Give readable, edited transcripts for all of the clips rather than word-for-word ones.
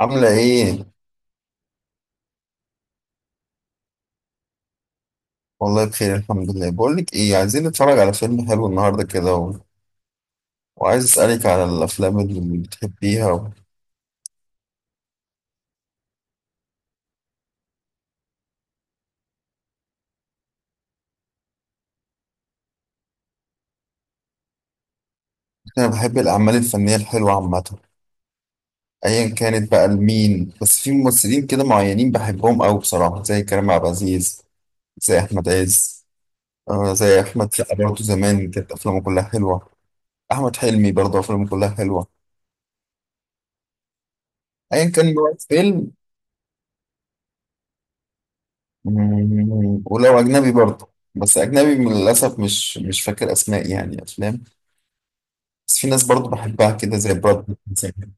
عاملة ايه؟ والله بخير الحمد لله. بقولك ايه، عايزين نتفرج على فيلم حلو النهاردة كده وعايز اسألك على الأفلام اللي بتحبيها أنا بحب الأعمال الفنية الحلوة عامة، أيا كانت بقى لمين. بس في ممثلين كده معينين بحبهم أوي بصراحة، زي كريم عبد العزيز، زي أحمد عز، زي أحمد سقا برضه، زمان كانت أفلامه كلها حلوة. أحمد حلمي برضه أفلامه كلها حلوة، أيا كان نوع الفيلم. مم، ولو أجنبي برضه، بس أجنبي للأسف مش فاكر أسماء يعني أفلام. بس في ناس برضه بحبها كده زي براد بيت مثلاً.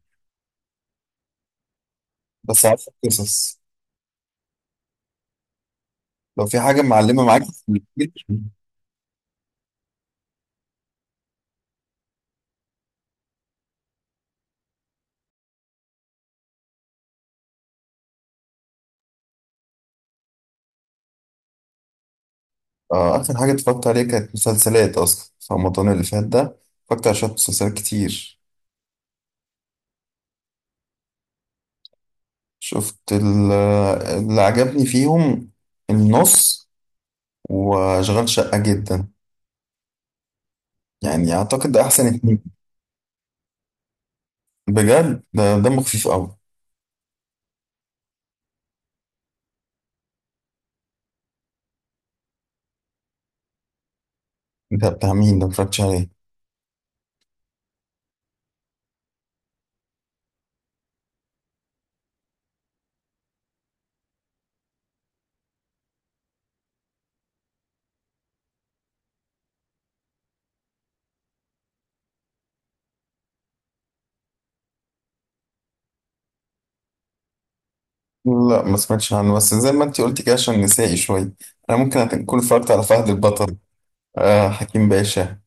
بس عارف قصص، لو في حاجة معلمة معاك في الكتير. آه، آخر حاجة اتفرجت عليها كانت مسلسلات أصلا في رمضان اللي فات ده. اتفرجت على شوية مسلسلات كتير. شفت ال- اللي عجبني فيهم النص وأشغال شقة جدا، يعني أعتقد ده أحسن اتنين. بجد ده دمه خفيف أوي. ده بتاع مين ده؟ متفرجتش عليه. لا ما سمعتش عنه، بس زي ما انت قلت كده عشان نسائي شوية. انا ممكن اكون اتفرجت على فهد البطل، آه حكيم باشا،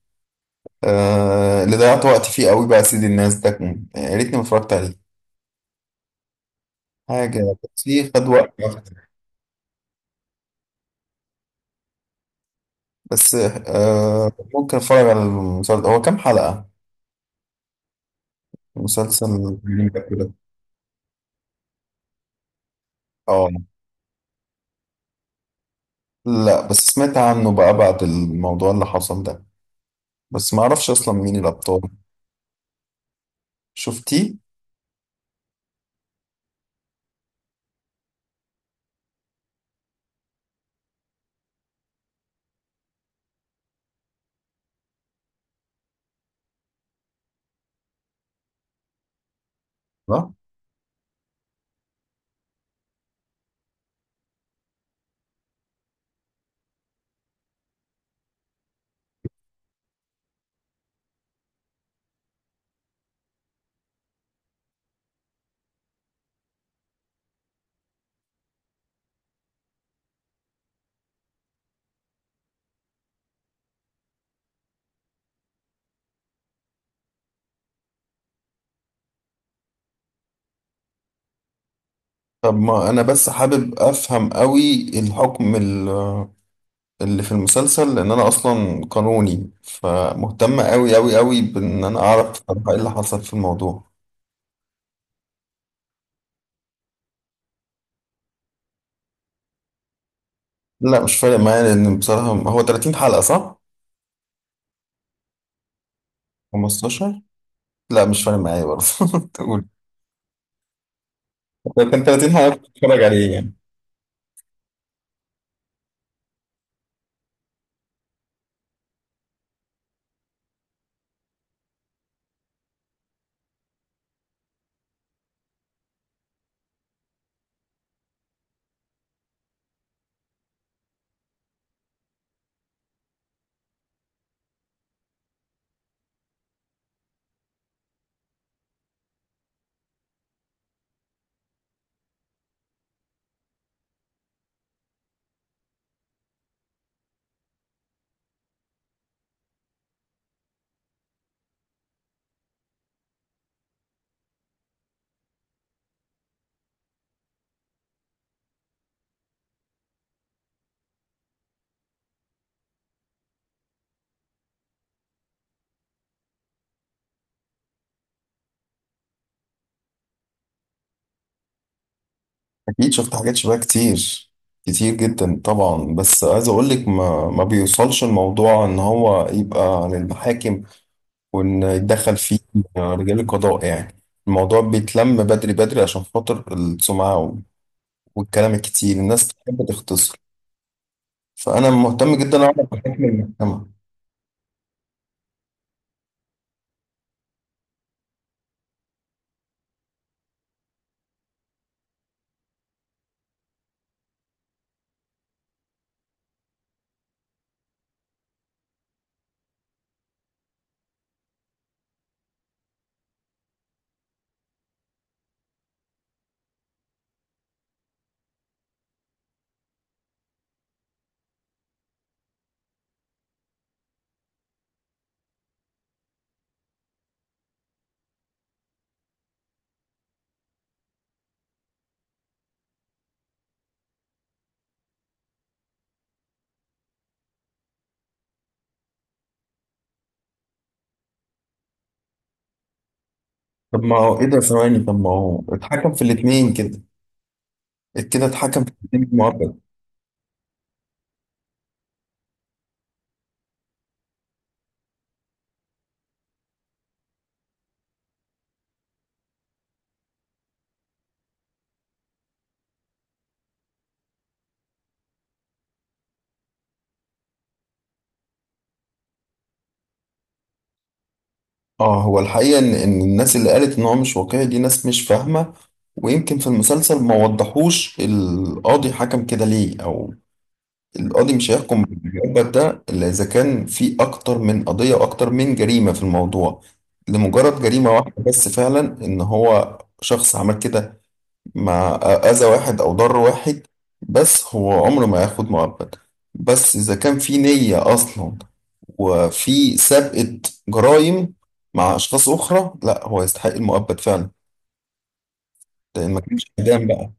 آه اللي ضيعت وقت فيه قوي بقى سيد الناس يا ريتني ما اتفرجت عليه. حاجة بس فيه خد وقت. بس آه، ممكن اتفرج على المسلسل، هو كام حلقة المسلسل الجميل ده كده؟ اه. لا، بس سمعت عنه بقى بعد الموضوع اللي حصل ده، بس ما اعرفش اصلا مين الابطال. شفتيه؟ لا. طب ما انا بس حابب افهم قوي الحكم اللي في المسلسل، لان انا اصلا قانوني فمهتم قوي قوي قوي بان انا اعرف بصراحه ايه اللي حصل في الموضوع. لا مش فارق معايا، لان بصراحه هو 30 حلقه، صح؟ 15؟ لا مش فارق معايا برضه تقول. لو كان 30 حلقه كنت اتفرج عليه يعني. اكيد شفت حاجات شبه كتير، كتير جدا طبعا. بس عايز اقول لك ما بيوصلش الموضوع ان هو يبقى للمحاكم وان يتدخل فيه رجال القضاء يعني. الموضوع بيتلم بدري بدري عشان خاطر السمعة والكلام الكتير، الناس بتحب تختصر. فأنا مهتم جدا أعرف حكم المحكمة. طب ما هو إيه ده؟ ثواني، طب ما هو اتحكم في الاتنين كده كده اتحكم في الاتنين معبد؟ اه، هو الحقيقة إن الناس اللي قالت إن هو مش واقعي دي ناس مش فاهمة. ويمكن في المسلسل ما وضحوش القاضي حكم كده ليه. أو القاضي مش هيحكم بالمعبد ده إلا إذا كان في أكتر من قضية وأكتر من جريمة في الموضوع. لمجرد جريمة واحدة بس فعلا إن هو شخص عمل كده مع أذى واحد أو ضر واحد، بس هو عمره ما ياخد مؤبد. بس إذا كان في نية أصلا وفي سابقة جرائم مع أشخاص أخرى، لا هو يستحق المؤبد فعلا، لأن ما كانش إعدام بقى.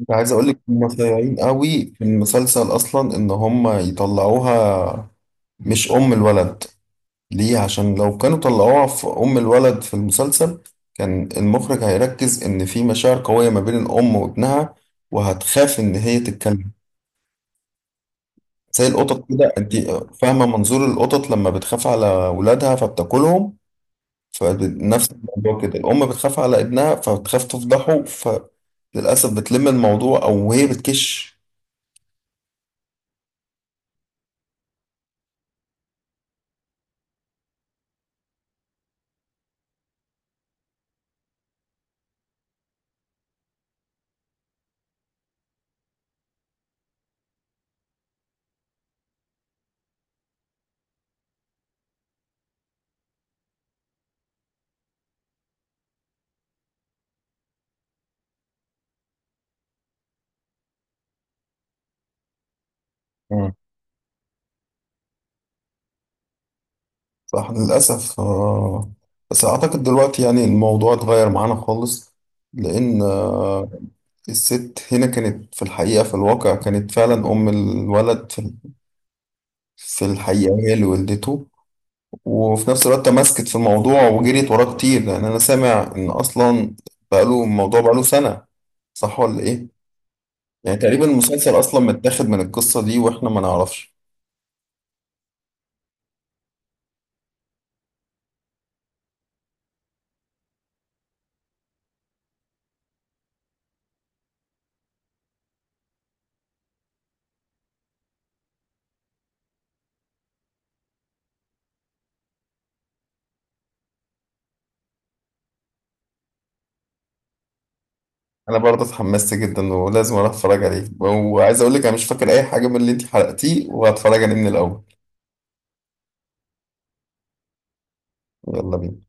أنت عايز أقول لك هم صايعين قوي في المسلسل أصلا إن هم يطلعوها مش أم الولد. ليه؟ عشان لو كانوا طلعوها في أم الولد في المسلسل، كان المخرج هيركز إن في مشاعر قوية ما بين الأم وابنها، وهتخاف إن هي تتكلم. زي القطط كده، أنت فاهمة منظور القطط لما بتخاف على ولادها فبتاكلهم؟ فنفس الموضوع كده، الأم بتخاف على ابنها فبتخاف تفضحه، فللأسف بتلم الموضوع أو هي بتكش. مم. صح للأسف، آه. بس أعتقد دلوقتي يعني الموضوع اتغير معانا خالص، لأن الست هنا كانت في الحقيقة، في الواقع كانت فعلا أم الولد. في في الحقيقة هي اللي ولدته، وفي نفس الوقت تمسكت في الموضوع وجريت وراه كتير. لأن أنا سامع إن أصلا بقاله الموضوع بقاله سنة، صح ولا إيه؟ يعني تقريبا المسلسل أصلا متاخد من القصة دي وإحنا ما نعرفش. أنا برضه اتحمست جدا ولازم أروح أتفرج عليه، وعايز أقول لك أنا مش فاكر أي حاجة من اللي أنت حرقتيه وهتفرج عليه من الأول. يلا بينا.